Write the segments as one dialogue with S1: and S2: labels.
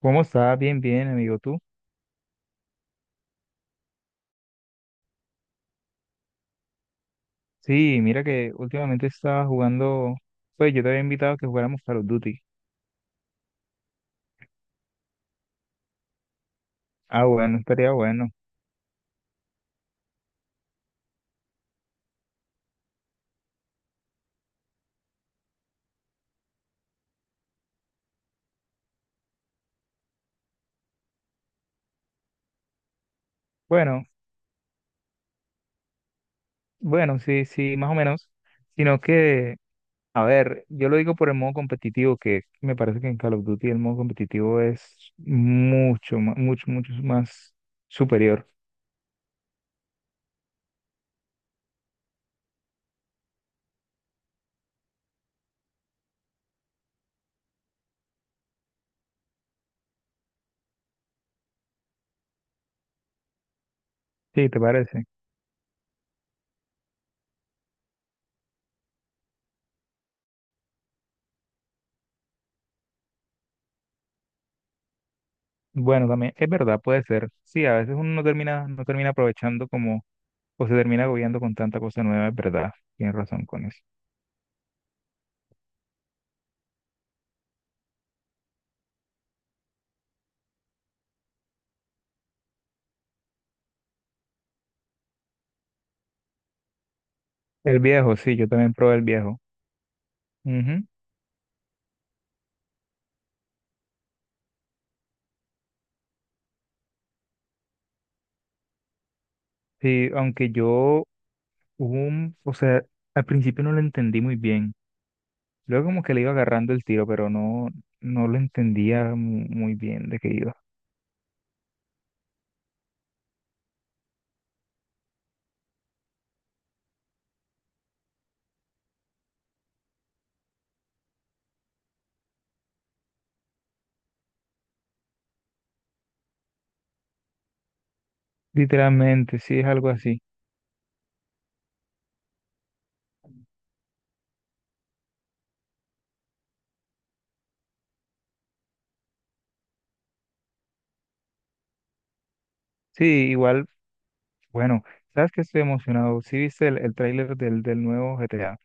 S1: ¿Cómo estás? Bien, bien, amigo, tú. Sí, mira que últimamente estaba jugando, pues yo te había invitado a que jugáramos Call of Duty. Ah, bueno, estaría bueno. Bueno, bueno, sí, sí, más o menos. Sino que, a ver, yo lo digo por el modo competitivo, que me parece que en Call of Duty el modo competitivo es mucho, mucho, mucho más superior. Sí, ¿te parece? Bueno, también, es verdad, puede ser. Sí, a veces uno no termina, no termina aprovechando, como o se termina agobiando con tanta cosa nueva, es verdad. Tienes razón con eso. El viejo, sí, yo también probé el viejo. Ujú. Sí, aunque yo, hubo un, o sea, al principio no lo entendí muy bien. Luego como que le iba agarrando el tiro, pero no, no lo entendía muy bien de qué iba. Literalmente, sí, es algo así. Sí, igual, bueno, sabes que estoy emocionado. Sí, viste el tráiler del nuevo GTA.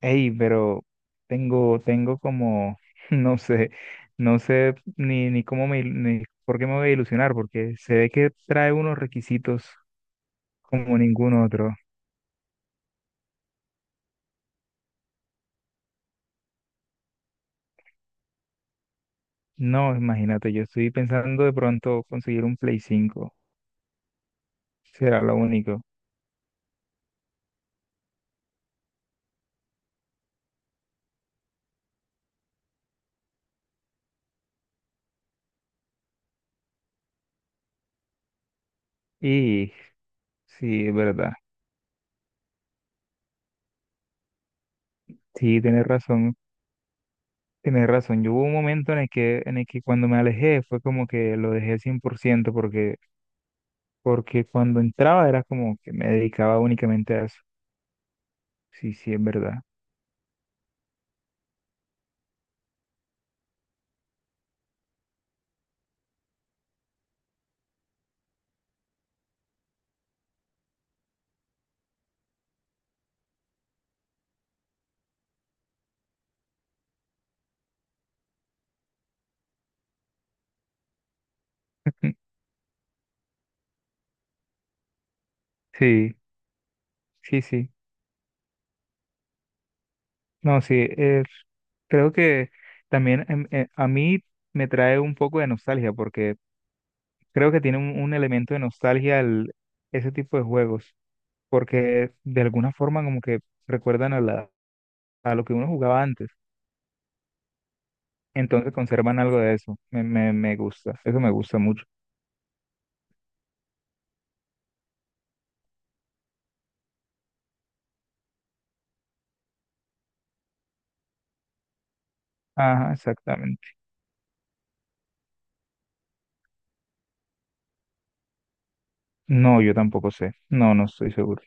S1: Ey, pero tengo como, no sé, no sé ni cómo me, ni por qué me voy a ilusionar, porque se ve que trae unos requisitos como ningún otro. No, imagínate, yo estoy pensando de pronto conseguir un Play cinco, será lo único. Y sí, es verdad, sí, tienes razón, tienes razón. Yo hubo un momento en el que cuando me alejé fue como que lo dejé cien por ciento, porque cuando entraba era como que me dedicaba únicamente a eso. Sí, sí, es verdad. Sí, sí, sí. No, sí, creo que también a mí me trae un poco de nostalgia porque creo que tiene un elemento de nostalgia ese tipo de juegos, porque de alguna forma como que recuerdan a la, a lo que uno jugaba antes, entonces conservan algo de eso. Me gusta, eso me gusta mucho. Ajá, exactamente. No, yo tampoco sé, no, no estoy seguro.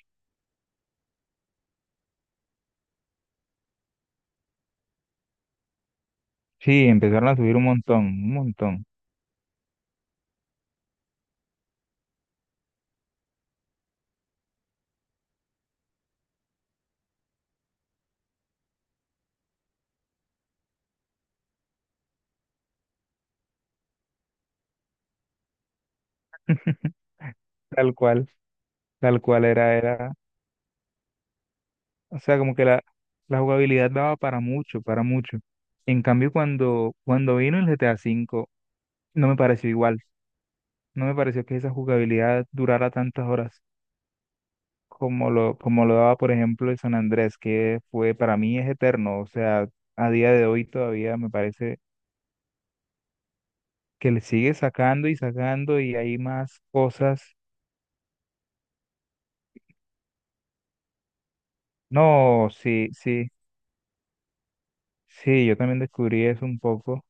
S1: Sí, empezaron a subir un montón, un montón. Tal cual, tal cual era, era, o sea, como que la jugabilidad daba para mucho, para mucho. En cambio, cuando vino el GTA cinco no me pareció igual. No me pareció que esa jugabilidad durara tantas horas como lo daba, por ejemplo, el San Andrés, que fue, para mí es eterno. O sea, a día de hoy todavía me parece que le sigue sacando y sacando y hay más cosas. No, sí, sí, sí, yo también descubrí eso un poco.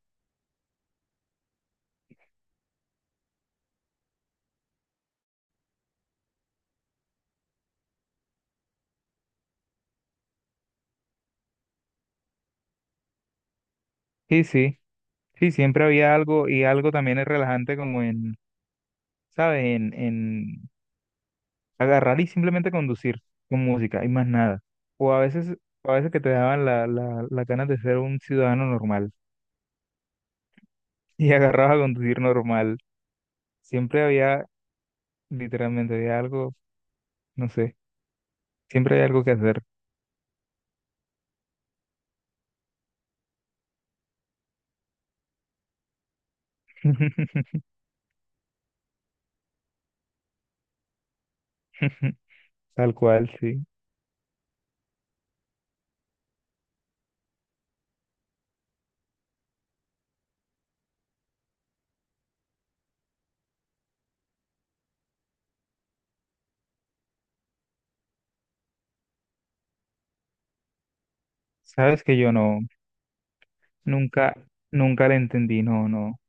S1: Sí, sí, sí, siempre había algo, y algo también es relajante como en, ¿sabes? En agarrar y simplemente conducir con música y más nada. O a veces que te daban las ganas de ser un ciudadano normal y agarrabas a conducir normal. Siempre había, literalmente, había algo, no sé, siempre hay algo que hacer. Tal cual, sí. Sabes que yo no, nunca, nunca le entendí, no, no.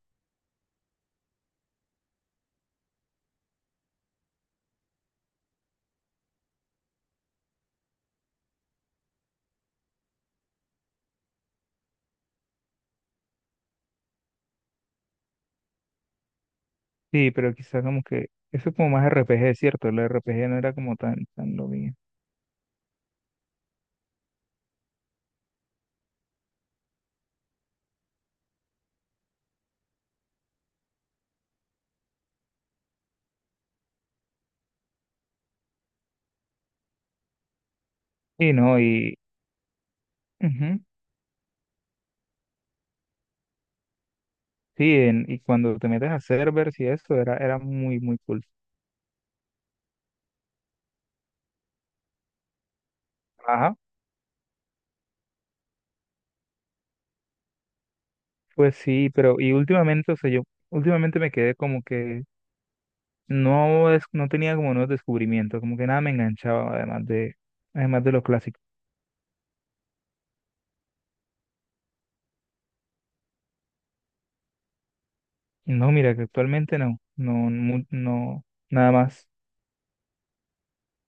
S1: Sí, pero quizás como que eso es como más RPG, ¿cierto? El RPG no era como tan, tan lo mío. Y no, y... ujú. Sí, y cuando te metes a servers y eso, era, era muy, muy cool. Ajá, pues sí, pero y últimamente, o sea, yo últimamente me quedé como que no, es, no tenía como nuevos descubrimientos, como que nada me enganchaba, además de lo clásico. No, mira, que actualmente no, no, no, nada más,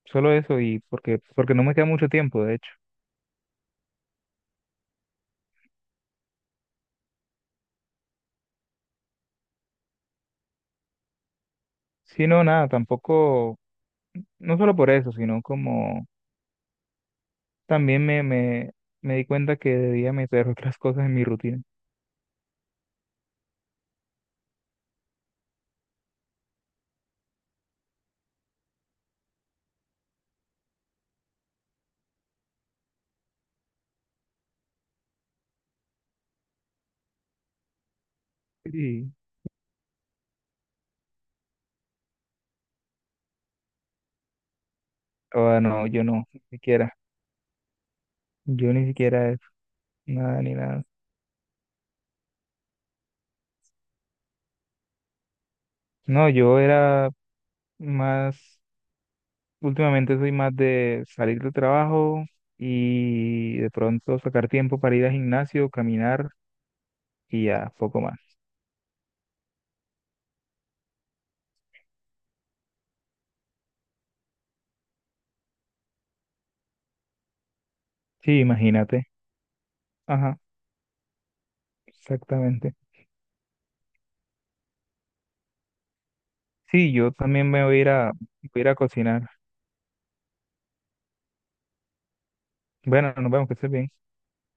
S1: solo eso y porque, porque no me queda mucho tiempo, de hecho. Sí, no, nada, tampoco, no solo por eso, sino como también me di cuenta que debía meter otras cosas en mi rutina. Sí. Oh, no, yo no, ni siquiera. Yo ni siquiera eso, nada ni nada. No, yo era más, últimamente soy más de salir del trabajo y de pronto sacar tiempo para ir al gimnasio, caminar y ya, poco más. Sí, imagínate. Ajá, exactamente. Sí, yo también me voy a ir a, voy a ir a cocinar. Bueno, nos vemos, que estés bien.